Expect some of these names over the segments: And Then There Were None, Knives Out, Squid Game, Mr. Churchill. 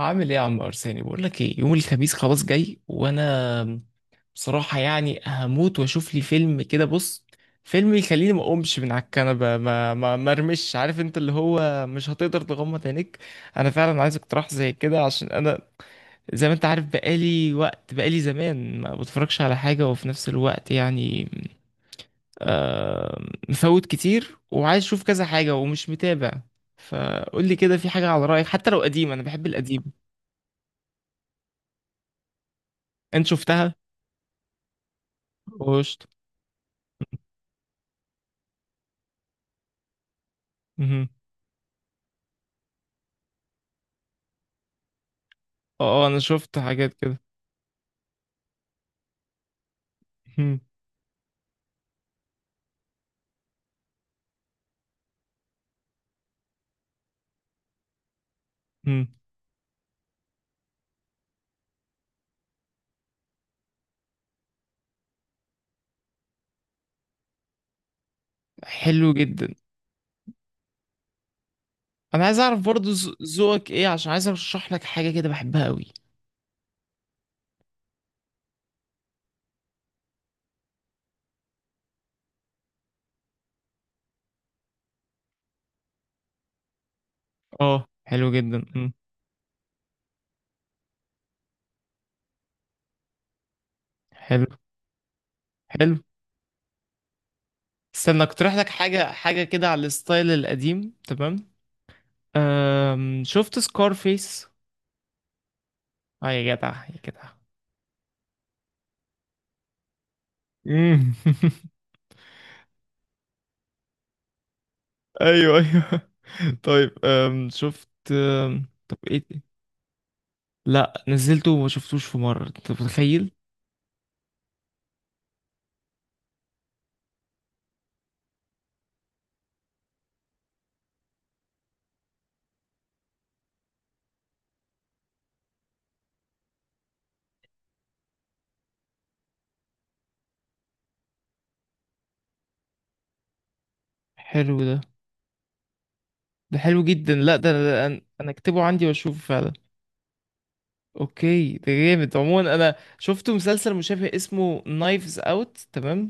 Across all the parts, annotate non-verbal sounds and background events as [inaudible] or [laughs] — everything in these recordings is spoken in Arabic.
عامل ايه يا عم ارساني؟ بقول لك ايه، يوم الخميس خلاص جاي وانا بصراحه يعني هموت واشوف لي فيلم كده. بص، فيلم يخليني ما اقومش من على الكنبه، ما ارمش، عارف انت اللي هو مش هتقدر تغمض عينيك. انا فعلا عايز اقتراح زي كده، عشان انا زي ما انت عارف بقالي وقت بقالي زمان ما بتفرجش على حاجه وفي نفس الوقت يعني آه مفوت كتير وعايز اشوف كذا حاجه ومش متابع. فقول لي كده، في حاجه على رايك، حتى لو قديم انا بحب القديم. انت شفتها؟ قشطة. مهم. انا شفت حاجات كده. مهم. مهم. حلو جدا. انا عايز اعرف برضو ذوقك ايه، عشان عايز ارشح لك حاجة كده بحبها قوي. اه حلو جدا. مم. حلو. حلو، استنى اقترح لك حاجة كده على الستايل القديم، تمام. شفت سكارفيس؟ اه يا جدع يا جدع. مم. [laughs] ايوه ايوه. طيب شفت طب ايه ده؟ لا نزلته وما شفتوش في مرة، انت متخيل؟ حلو ده. ده حلو جدا. لا، ده، انا اكتبه عندي واشوفه فعلا. اوكي، ده جامد. عموما انا شفت مسلسل مشابه اسمه نايفز اوت، تمام؟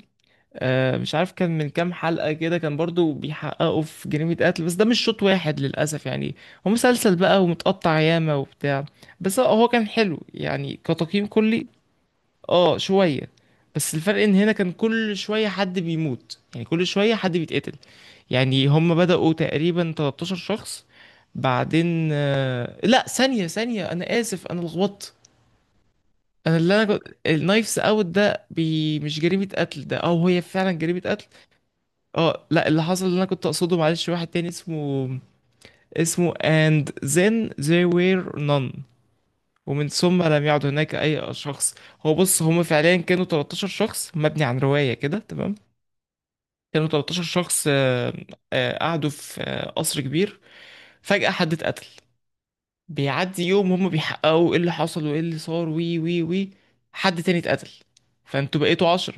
آه مش عارف كان من كام حلقة كده، كان برضو بيحققوا في جريمة قتل بس ده مش شوط واحد للأسف يعني. هو مسلسل بقى ومتقطع ياما وبتاع، بس هو كان حلو يعني كتقييم كلي. اه شوية. بس الفرق ان هنا كان كل شوية حد بيموت، يعني كل شوية حد بيتقتل. يعني هم بدأوا تقريبا 13 شخص. بعدين لا، ثانية ثانية، أنا آسف أنا لخبطت. أنا اللي أنا كنت النايفز أوت ده مش جريمة قتل، ده أو هي فعلا جريمة قتل. أه لا، اللي حصل اللي أنا كنت أقصده معلش، واحد تاني اسمه، and then there were none، ومن ثم لم يعد هناك أي شخص. هو بص هم فعليا كانوا 13 شخص مبني عن رواية كده، تمام؟ كانوا 13 شخص، قعدوا في قصر كبير. فجأة حد اتقتل. بيعدي يوم هم بيحققوا ايه اللي حصل وايه اللي صار، وي وي وي حد تاني اتقتل. فانتوا بقيتوا 10.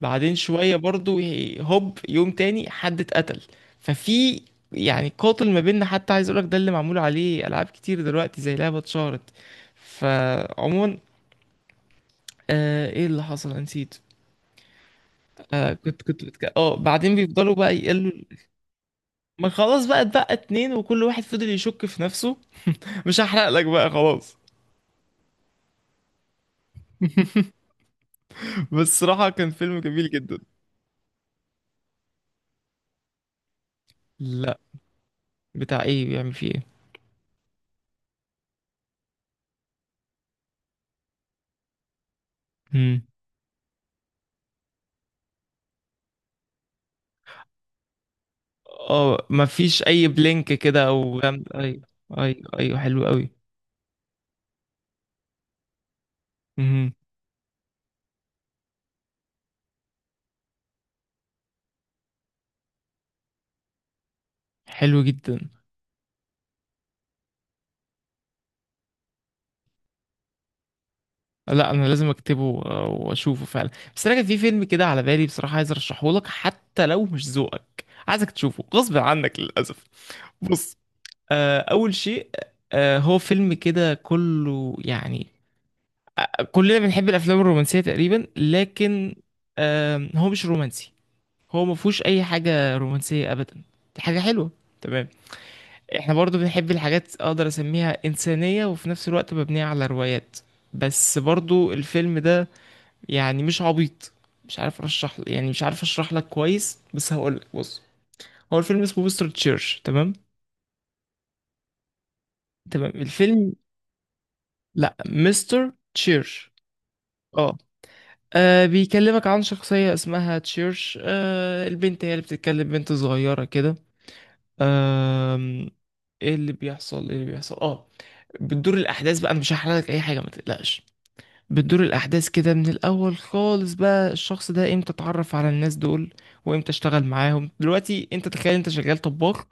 بعدين شوية برضو هوب يوم تاني حد اتقتل. ففي يعني قاتل ما بيننا. حتى عايز اقولك ده اللي معمول عليه العاب كتير دلوقتي زي لعبة اتشهرت. فعموما ايه اللي حصل، أنا نسيت. كنت بعدين بيفضلوا بقى يقلوا. ما خلاص بقى اتبقى اتنين وكل واحد فضل يشك في نفسه. مش هحرق لك بقى خلاص. بس صراحة كان فيلم جميل جدا. لا، بتاع ايه؟ بيعمل فيه ايه؟ امم. اه مفيش اي بلينك كده او ايوه. ايوه ايوه حلو قوي. امم. حلو جدا. لا انا لازم اكتبه واشوفه فعلا. بس انا كان في فيلم كده على بالي بصراحه، عايز ارشحه لك حتى لو مش ذوقك، عايزك تشوفه غصب عنك للاسف. بص، اول شيء، هو فيلم كده كله يعني. كلنا بنحب الافلام الرومانسيه تقريبا، لكن هو مش رومانسي. هو ما فيهوش اي حاجه رومانسيه ابدا. دي حاجه حلوه، تمام. احنا برضو بنحب الحاجات اقدر اسميها انسانيه وفي نفس الوقت مبنيه على روايات. بس برضو الفيلم ده يعني مش عبيط. مش عارف ارشح، يعني مش عارف اشرح لك كويس، بس هقول لك. بص، هو الفيلم اسمه مستر تشيرش، تمام؟ تمام الفيلم. لا، مستر تشيرش. اه. بيكلمك عن شخصية اسمها تشيرش. البنت هي اللي بتتكلم، بنت صغيرة كده. أم... ايه اللي بيحصل، ايه اللي بيحصل. اه، بتدور الاحداث بقى، انا مش هحرق لك اي حاجه ما تقلقش. بتدور الاحداث كده من الاول خالص بقى، الشخص ده امتى اتعرف على الناس دول وامتى اشتغل معاهم. دلوقتي انت تخيل انت شغال طباخ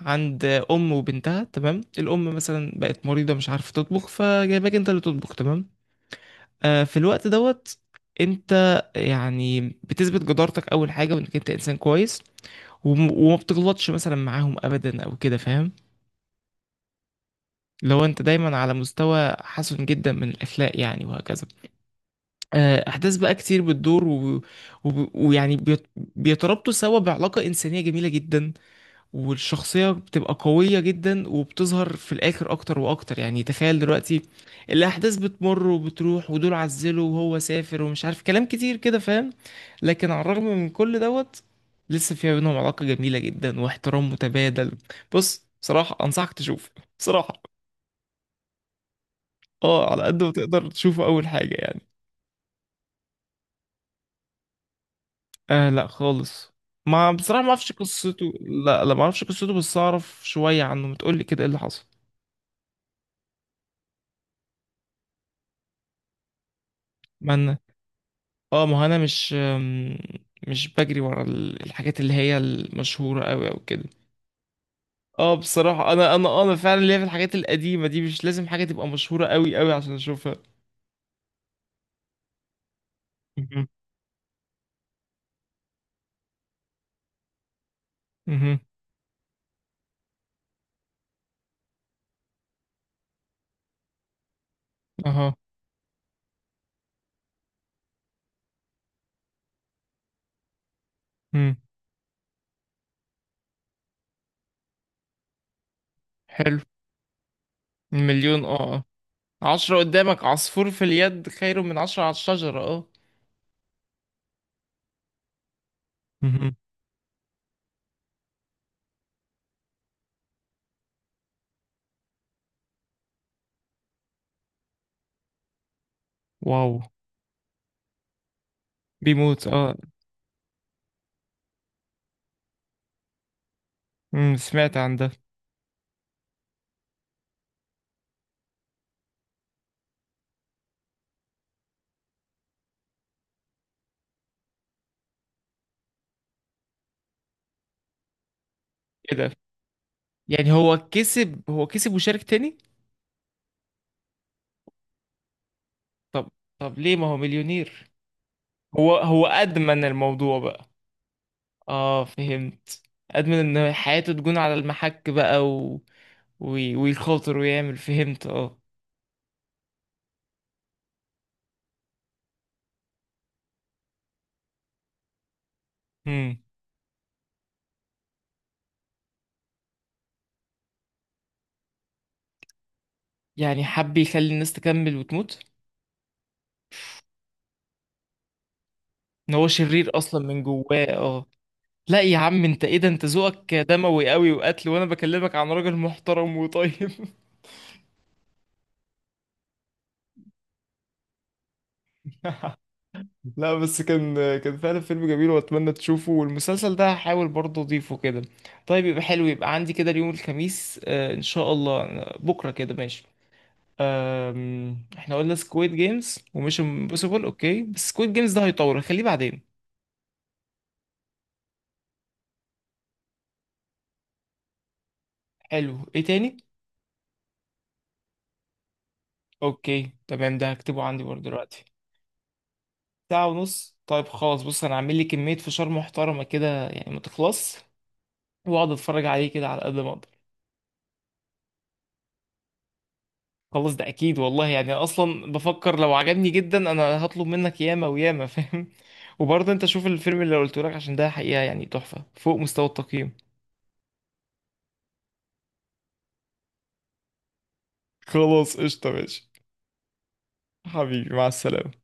عند ام وبنتها، تمام؟ الام مثلا بقت مريضه مش عارفه تطبخ، فجايباك انت اللي تطبخ، تمام. في الوقت دوت انت يعني بتثبت جدارتك اول حاجه، وانك انت انسان كويس وما بتغلطش مثلا معاهم ابدا او كده، فاهم؟ لو انت دايما على مستوى حسن جدا من الاخلاق يعني، وهكذا. احداث بقى كتير بتدور ويعني بيتربطوا سوا بعلاقة انسانية جميلة جدا. والشخصية بتبقى قوية جدا وبتظهر في الاخر اكتر واكتر. يعني تخيل دلوقتي الاحداث بتمر وبتروح، ودول عزلوا وهو سافر ومش عارف، كلام كتير كده فاهم. لكن على الرغم من كل دوت لسه في بينهم علاقة جميلة جدا واحترام متبادل. بص بصراحة انصحك تشوف. بصراحة اه على قد ما تقدر تشوفه اول حاجه يعني. آه لا خالص، ما بصراحه ما اعرفش قصته، لا لا ما اعرفش قصته، بس اعرف شويه عنه، ما تقول لي كده ايه اللي حصل. ما انا، اه ما هو انا مش مش بجري ورا الحاجات اللي هي المشهوره قوي او كده. اه بصراحه انا فعلا ليا في الحاجات القديمه دي، مش لازم حاجه تبقى مشهوره قوي قوي عشان اشوفها. مهم. مهم. اها. مم. حلو. مليون، اه اه، عشرة قدامك، عصفور في اليد خير من عشرة على الشجرة، اه. مهم. واو. بيموت اه. امم، سمعت عن ده. ايه ده؟ يعني هو كسب؟ هو كسب وشارك تاني؟ طب، ليه، ما هو مليونير. هو أدمن الموضوع بقى. اه فهمت. أدمن ان حياته تكون على المحك بقى ويخاطر ويعمل، فهمت. اه. امم، يعني حب يخلي الناس تكمل وتموت. ان هو شرير اصلا من جواه اه. لا يا عم، انت ايه ده؟ انت ذوقك دموي قوي وقتل وانا بكلمك عن راجل محترم وطيب. لا بس كان فعلا فيلم جميل واتمنى تشوفه. والمسلسل ده هحاول برضه اضيفه كده. طيب يبقى حلو، يبقى عندي كده اليوم الخميس، ان شاء الله، بكره كده ماشي. احنا قلنا سكويد جيمز ومش امبوسيبل، اوكي، بس سكويد جيمز ده هيطول، خليه بعدين. حلو، ايه تاني؟ اوكي تمام، ده هكتبه عندي برضه دلوقتي. ساعة ونص، طيب خلاص. بص انا عامل لي كمية فشار محترمة كده يعني ما تخلص، واقعد اتفرج عليه كده على قد ما اقدر. خلاص، ده اكيد والله. يعني أنا اصلا بفكر لو عجبني جدا انا هطلب منك ياما وياما [laughs] فاهم. وبرضه انت شوف الفيلم اللي قلته لك عشان ده حقيقة يعني تحفة فوق مستوى التقييم. خلاص قشطة ماشي. حبيبي، مع السلامة.